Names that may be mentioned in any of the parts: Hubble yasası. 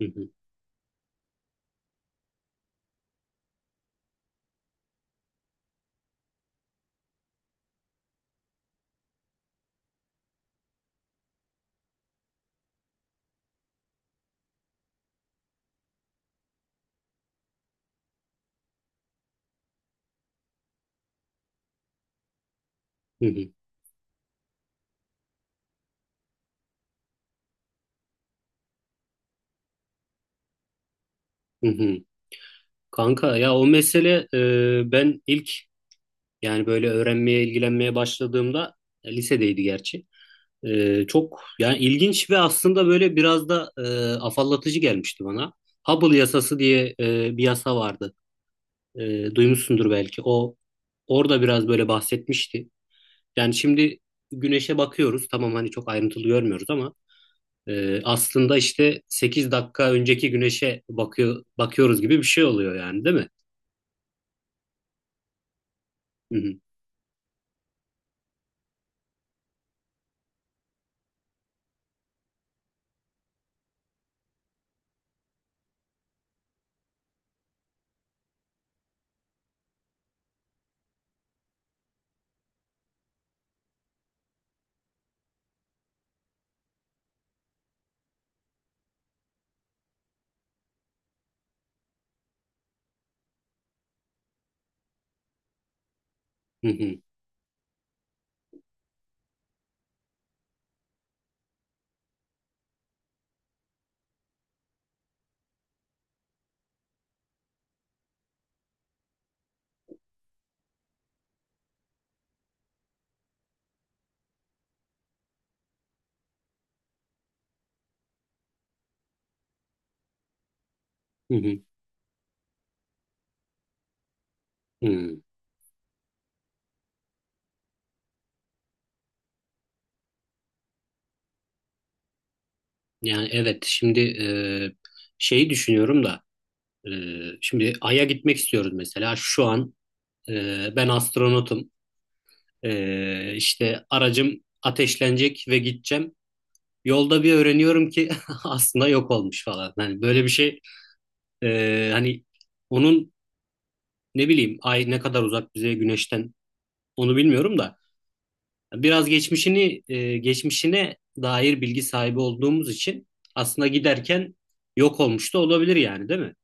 Hı hı, hı hı, hı hı. Kanka, ya o mesele ben ilk, yani böyle öğrenmeye ilgilenmeye başladığımda lisedeydi gerçi. Çok yani ilginç ve aslında böyle biraz da afallatıcı gelmişti bana. Hubble yasası diye bir yasa vardı. Duymuşsundur belki. O orada biraz böyle bahsetmişti. Yani şimdi güneşe bakıyoruz. Tamam hani çok ayrıntılı görmüyoruz ama aslında işte 8 dakika önceki güneşe bakıyoruz gibi bir şey oluyor yani, değil mi? Hı hı, hı hı, hı hı, hı. Yani evet, şimdi şeyi düşünüyorum da e, şimdi Ay'a gitmek istiyoruz mesela, şu an ben astronotum. İşte aracım ateşlenecek ve gideceğim, yolda bir öğreniyorum ki aslında yok olmuş falan, hani böyle bir şey, hani onun, ne bileyim, Ay ne kadar uzak bize Güneş'ten, onu bilmiyorum da biraz geçmişine dair bilgi sahibi olduğumuz için aslında giderken yok olmuş da olabilir yani, değil mi?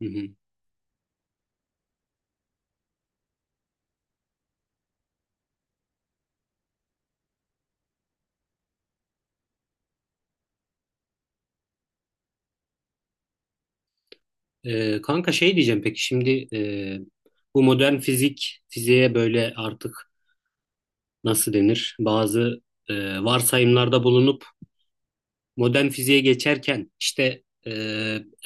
Hı hı. Kanka, şey diyeceğim, peki şimdi bu modern fiziğe böyle artık nasıl denir? Bazı e, varsayımlarda bulunup modern fiziğe geçerken işte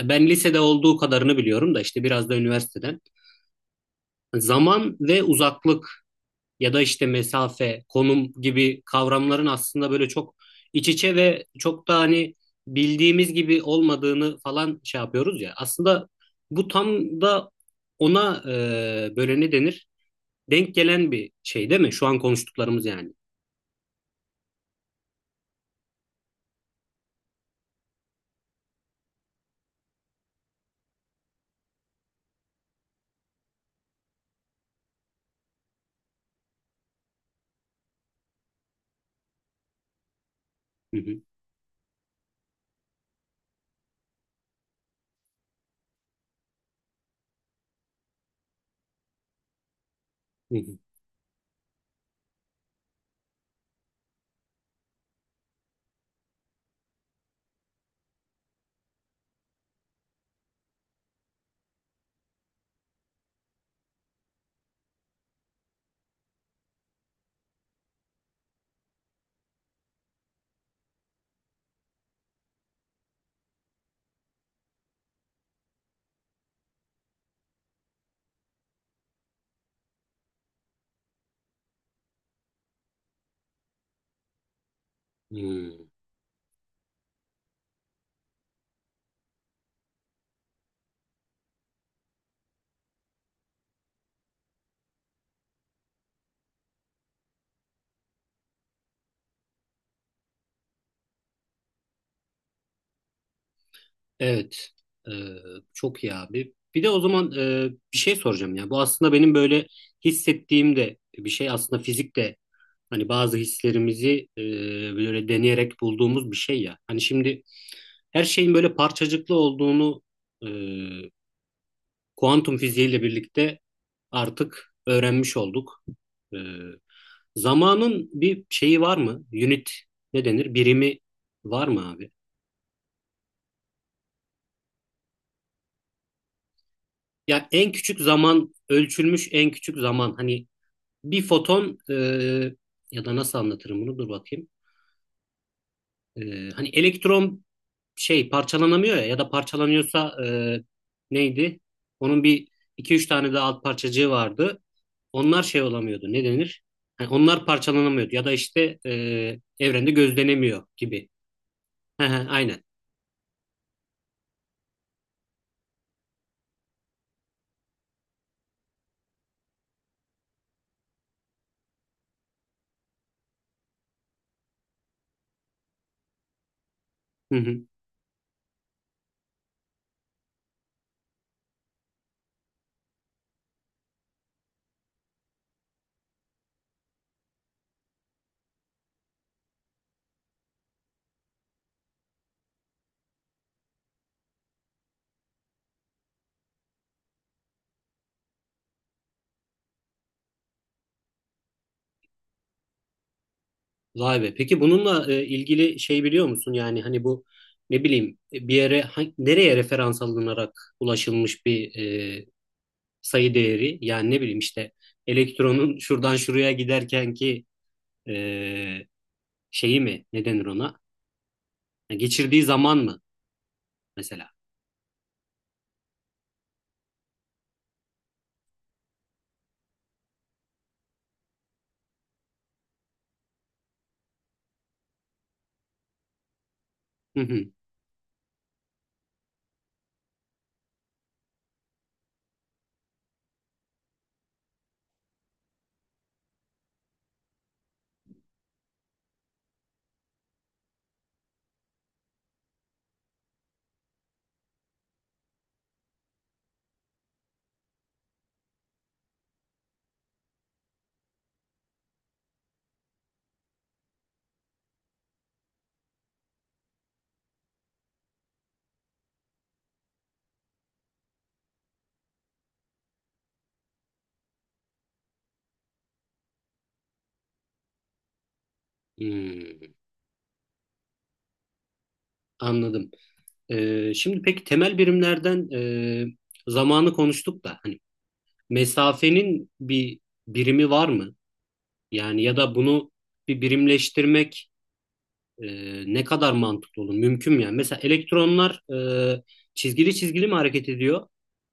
ben lisede olduğu kadarını biliyorum da işte biraz da üniversiteden zaman ve uzaklık ya da işte mesafe, konum gibi kavramların aslında böyle çok iç içe ve çok da hani bildiğimiz gibi olmadığını falan şey yapıyoruz ya. Aslında bu tam da ona böyle ne denir? Denk gelen bir şey değil mi? Şu an konuştuklarımız yani. Hı hı. Hı hı. Hı. Evet. Ee, Çok iyi abi. Bir de o zaman bir şey soracağım ya. Bu aslında benim böyle hissettiğim de bir şey, aslında fizik de hani bazı hislerimizi böyle deneyerek bulduğumuz bir şey ya. Hani şimdi her şeyin böyle parçacıklı olduğunu e, kuantum fiziğiyle birlikte artık öğrenmiş olduk. E, Zamanın bir şeyi var mı? Unit, ne denir? Birimi var mı abi? Ya en küçük zaman, ölçülmüş en küçük zaman, hani bir foton, ya da nasıl anlatırım bunu, dur bakayım. E, Hani elektron, şey, parçalanamıyor ya ya da parçalanıyorsa neydi? Onun bir iki üç tane de alt parçacığı vardı. Onlar şey olamıyordu, ne denir? Hani onlar parçalanamıyordu ya da işte evrende gözlenemiyor gibi. Hı hı, aynen. Hı hı. Vay be. Peki bununla ilgili şey biliyor musun? Yani hani bu, ne bileyim, nereye referans alınarak ulaşılmış bir e, sayı değeri? Yani ne bileyim işte elektronun şuradan şuraya giderken ki e, şeyi mi? Ne denir ona? Yani geçirdiği zaman mı mesela? Hı hı. Hmm, anladım. Şimdi peki temel birimlerden zamanı konuştuk da hani mesafenin bir birimi var mı? Yani ya da bunu bir birimleştirmek ne kadar mantıklı olur? Mümkün mü yani? Mesela elektronlar e, çizgili çizgili mi hareket ediyor?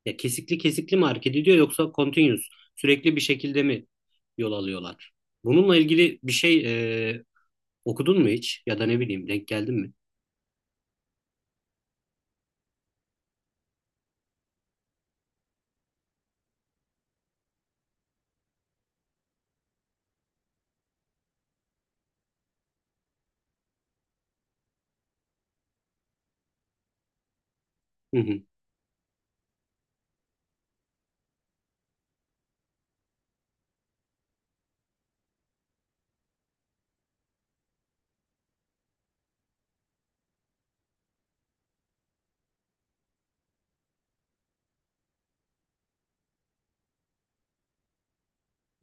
Ya kesikli kesikli mi hareket ediyor yoksa continuous, sürekli bir şekilde mi yol alıyorlar? Bununla ilgili bir şey e, okudun mu hiç? Ya da ne bileyim denk geldin mi? Hı hı,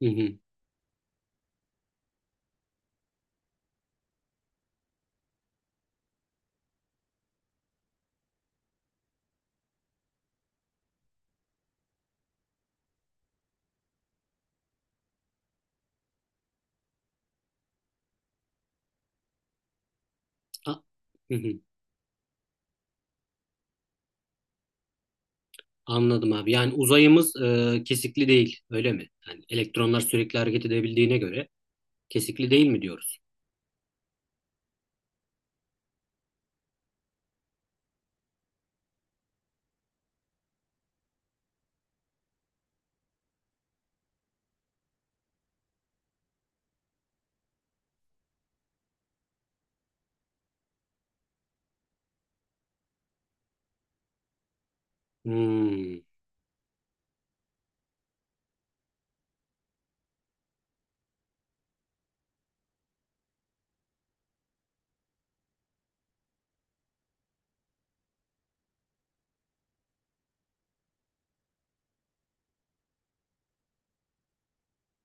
hı hı. A- hı hı. Anladım abi. Yani uzayımız kesikli değil, öyle mi? Yani elektronlar sürekli hareket edebildiğine göre kesikli değil mi diyoruz? Hmm.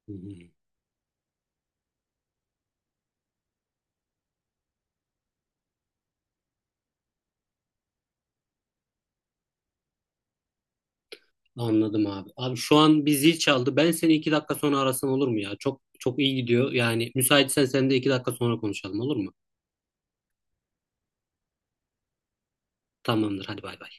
Hı hı. Anladım abi. Abi şu an bir zil çaldı. Ben seni 2 dakika sonra arasam olur mu ya? Çok çok iyi gidiyor. Yani müsaitsen sen de 2 dakika sonra konuşalım, olur mu? Tamamdır. Hadi bay bay.